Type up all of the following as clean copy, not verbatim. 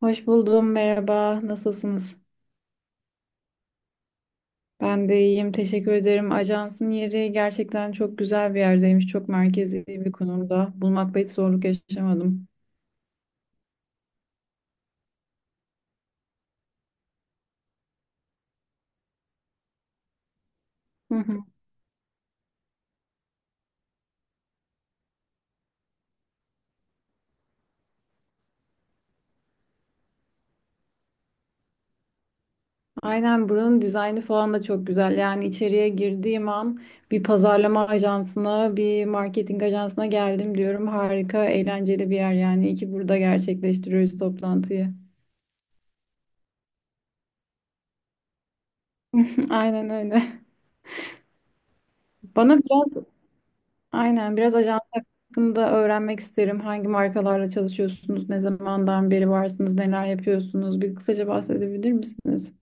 Hoş buldum, merhaba. Nasılsınız? Ben de iyiyim, teşekkür ederim. Ajansın yeri gerçekten çok güzel bir yerdeymiş, çok merkezi bir konumda. Bulmakta hiç zorluk yaşamadım. Hı hı. Aynen, buranın dizaynı falan da çok güzel. Yani içeriye girdiğim an bir pazarlama ajansına, bir marketing ajansına geldim diyorum. Harika, eğlenceli bir yer yani. İyi ki burada gerçekleştiriyoruz toplantıyı. Aynen öyle. Bana biraz ajans hakkında öğrenmek isterim. Hangi markalarla çalışıyorsunuz, ne zamandan beri varsınız, neler yapıyorsunuz? Bir kısaca bahsedebilir misiniz?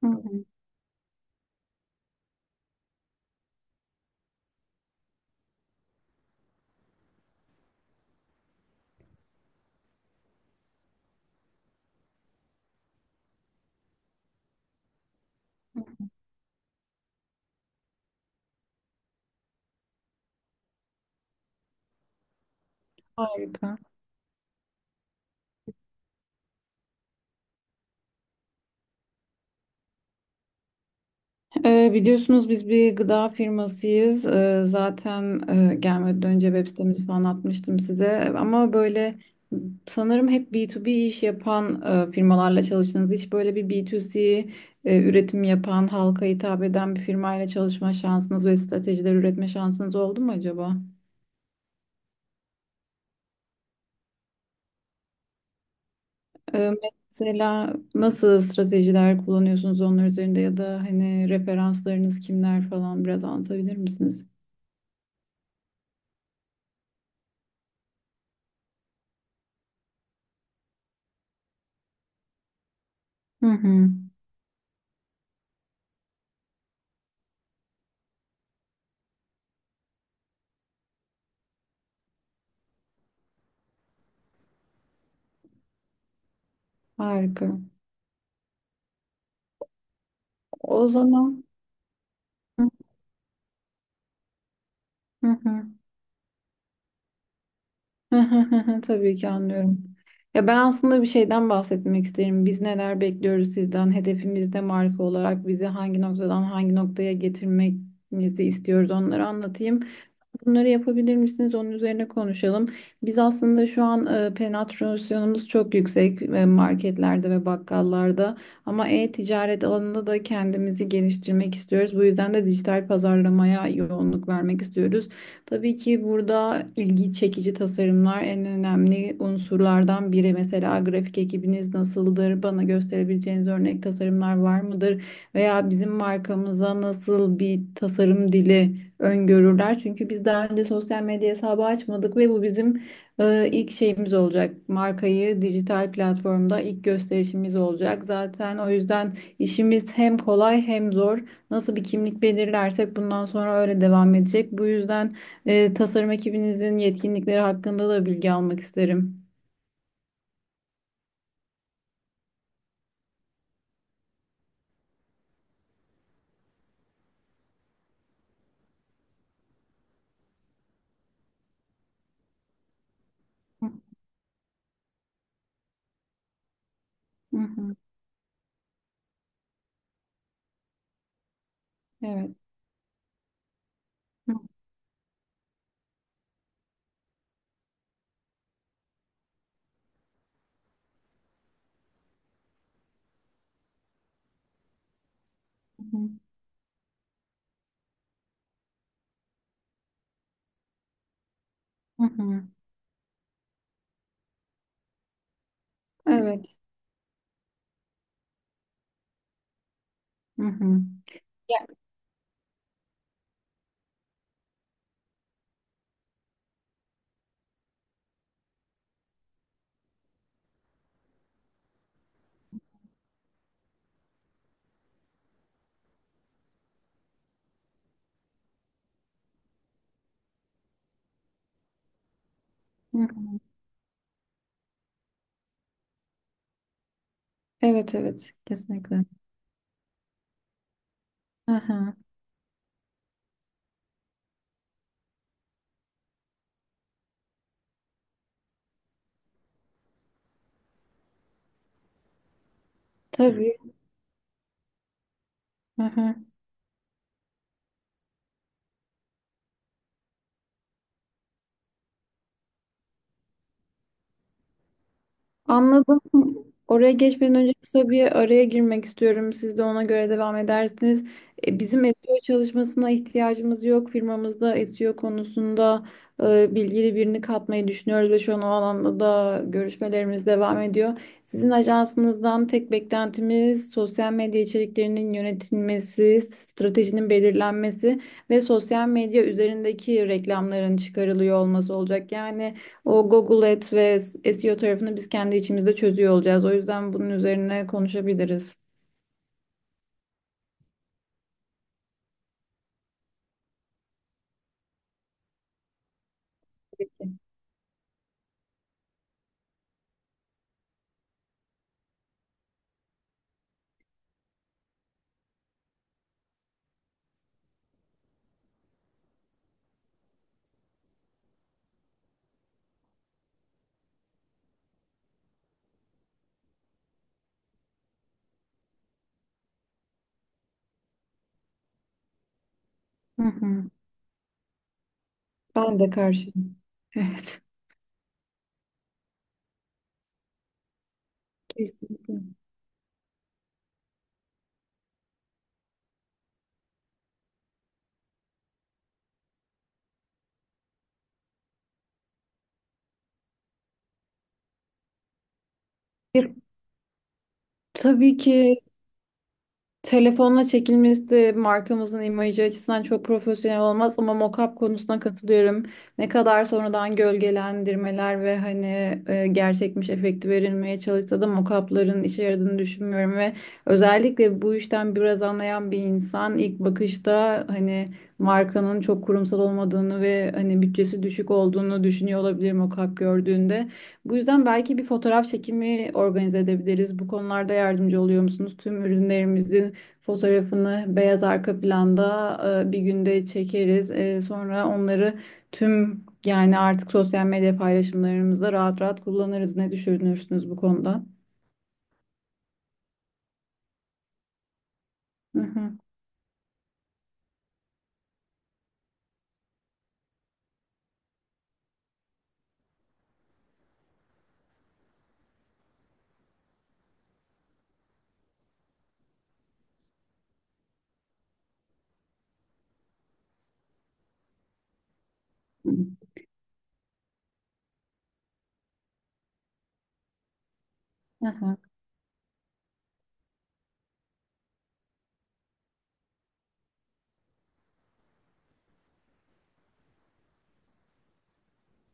Hı hı. Harika. Biliyorsunuz biz bir gıda firmasıyız. Zaten gelmeden önce web sitemizi falan atmıştım size. Ama böyle sanırım hep B2B iş yapan firmalarla çalıştınız. Hiç böyle bir B2C üretim yapan, halka hitap eden bir firmayla çalışma şansınız ve stratejiler üretme şansınız oldu mu acaba? Ee, Mesela nasıl stratejiler kullanıyorsunuz onlar üzerinde, ya da hani referanslarınız kimler falan biraz anlatabilir misiniz? Hı hı. Harika. O zaman. Hı hı hı. Tabii ki anlıyorum. Ya, ben aslında bir şeyden bahsetmek isterim. Biz neler bekliyoruz sizden? Hedefimiz de marka olarak bizi hangi noktadan hangi noktaya getirmenizi istiyoruz, onları anlatayım. Bunları yapabilir misiniz? Onun üzerine konuşalım. Biz aslında şu an penetrasyonumuz çok yüksek, marketlerde ve bakkallarda, ama e-ticaret alanında da kendimizi geliştirmek istiyoruz. Bu yüzden de dijital pazarlamaya yoğunluk vermek istiyoruz. Tabii ki burada ilgi çekici tasarımlar en önemli unsurlardan biri. Mesela grafik ekibiniz nasıldır? Bana gösterebileceğiniz örnek tasarımlar var mıdır? Veya bizim markamıza nasıl bir tasarım dili öngörürler. Çünkü biz daha önce sosyal medya hesabı açmadık ve bu bizim ilk şeyimiz olacak. Markayı dijital platformda ilk gösterişimiz olacak. Zaten o yüzden işimiz hem kolay hem zor. Nasıl bir kimlik belirlersek bundan sonra öyle devam edecek. Bu yüzden tasarım ekibinizin yetkinlikleri hakkında da bilgi almak isterim. Hı hı. Evet. Hı hı. Hı hı. Evet. Hı hı. Hı hı. Evet, evet, kesinlikle. Hı hı. Tabii. Hı hı. Anladım. Oraya geçmeden önce kısa bir araya girmek istiyorum. Siz de ona göre devam edersiniz. Bizim SEO çalışmasına ihtiyacımız yok. Firmamızda SEO konusunda bilgili birini katmayı düşünüyoruz ve şu an o alanda da görüşmelerimiz devam ediyor. Sizin ajansınızdan tek beklentimiz sosyal medya içeriklerinin yönetilmesi, stratejinin belirlenmesi ve sosyal medya üzerindeki reklamların çıkarılıyor olması olacak. Yani o Google Ads ve SEO tarafını biz kendi içimizde çözüyor olacağız. O yüzden bunun üzerine konuşabiliriz. Peki. Hı hı. Ben de karşıyım. Evet, kesinlikle. Bir- tabii ki telefonla çekilmesi de markamızın imajı açısından çok profesyonel olmaz, ama mock-up konusuna katılıyorum. Ne kadar sonradan gölgelendirmeler ve hani gerçekmiş efekti verilmeye çalışsa da mock-up'ların işe yaradığını düşünmüyorum ve özellikle bu işten biraz anlayan bir insan ilk bakışta hani markanın çok kurumsal olmadığını ve hani bütçesi düşük olduğunu düşünüyor olabilir mock-up gördüğünde. Bu yüzden belki bir fotoğraf çekimi organize edebiliriz. Bu konularda yardımcı oluyor musunuz? Tüm ürünlerimizin fotoğrafını beyaz arka planda bir günde çekeriz. Sonra onları tüm, yani artık sosyal medya paylaşımlarımızda rahat rahat kullanırız. Ne düşünürsünüz bu konuda? Hı hı. Hı hı.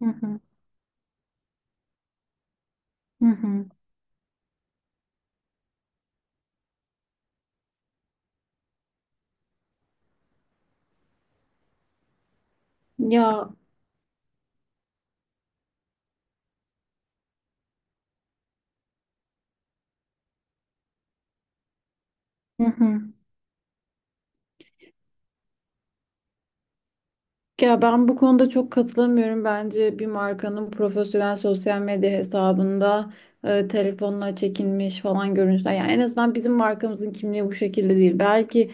Hı hı. Hı hı. Ya, hı hı. Ya, ben bu konuda çok katılamıyorum. Bence bir markanın profesyonel sosyal medya hesabında telefonla çekilmiş falan görüntüler. Yani en azından bizim markamızın kimliği bu şekilde değil. Belki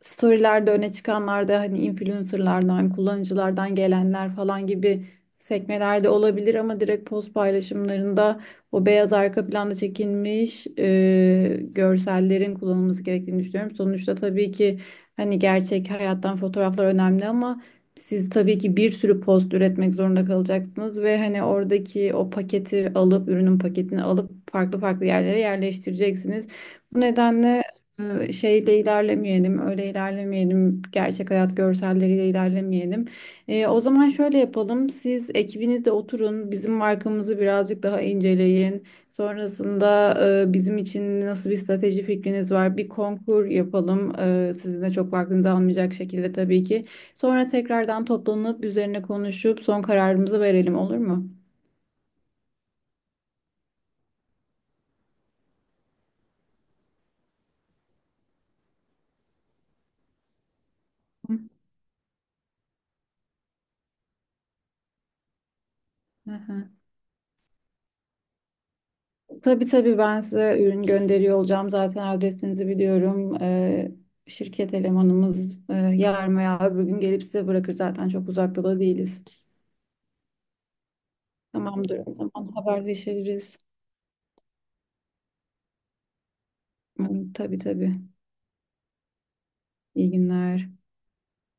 storylerde öne çıkanlarda hani influencerlardan, kullanıcılardan gelenler falan gibi sekmelerde olabilir, ama direkt post paylaşımlarında o beyaz arka planda çekilmiş görsellerin kullanılması gerektiğini düşünüyorum. Sonuçta tabii ki hani gerçek hayattan fotoğraflar önemli, ama siz tabii ki bir sürü post üretmek zorunda kalacaksınız ve hani oradaki o paketi alıp ürünün paketini alıp farklı farklı yerlere yerleştireceksiniz. Bu nedenle şeyde ilerlemeyelim, öyle ilerlemeyelim, gerçek hayat görselleriyle ilerlemeyelim. O zaman şöyle yapalım, siz ekibinizde oturun, bizim markamızı birazcık daha inceleyin. Sonrasında bizim için nasıl bir strateji fikriniz var? Bir konkur yapalım, sizin de çok vaktinizi almayacak şekilde tabii ki. Sonra tekrardan toplanıp üzerine konuşup son kararımızı verelim, olur mu? Hı hı. Tabii tabii ben size ürün gönderiyor olacağım. Zaten adresinizi biliyorum. Şirket elemanımız yarın veya öbür gün gelip size bırakır. Zaten çok uzakta da değiliz. Tamamdır o zaman, haberleşiriz. Hı. Tabii tabii. İyi günler.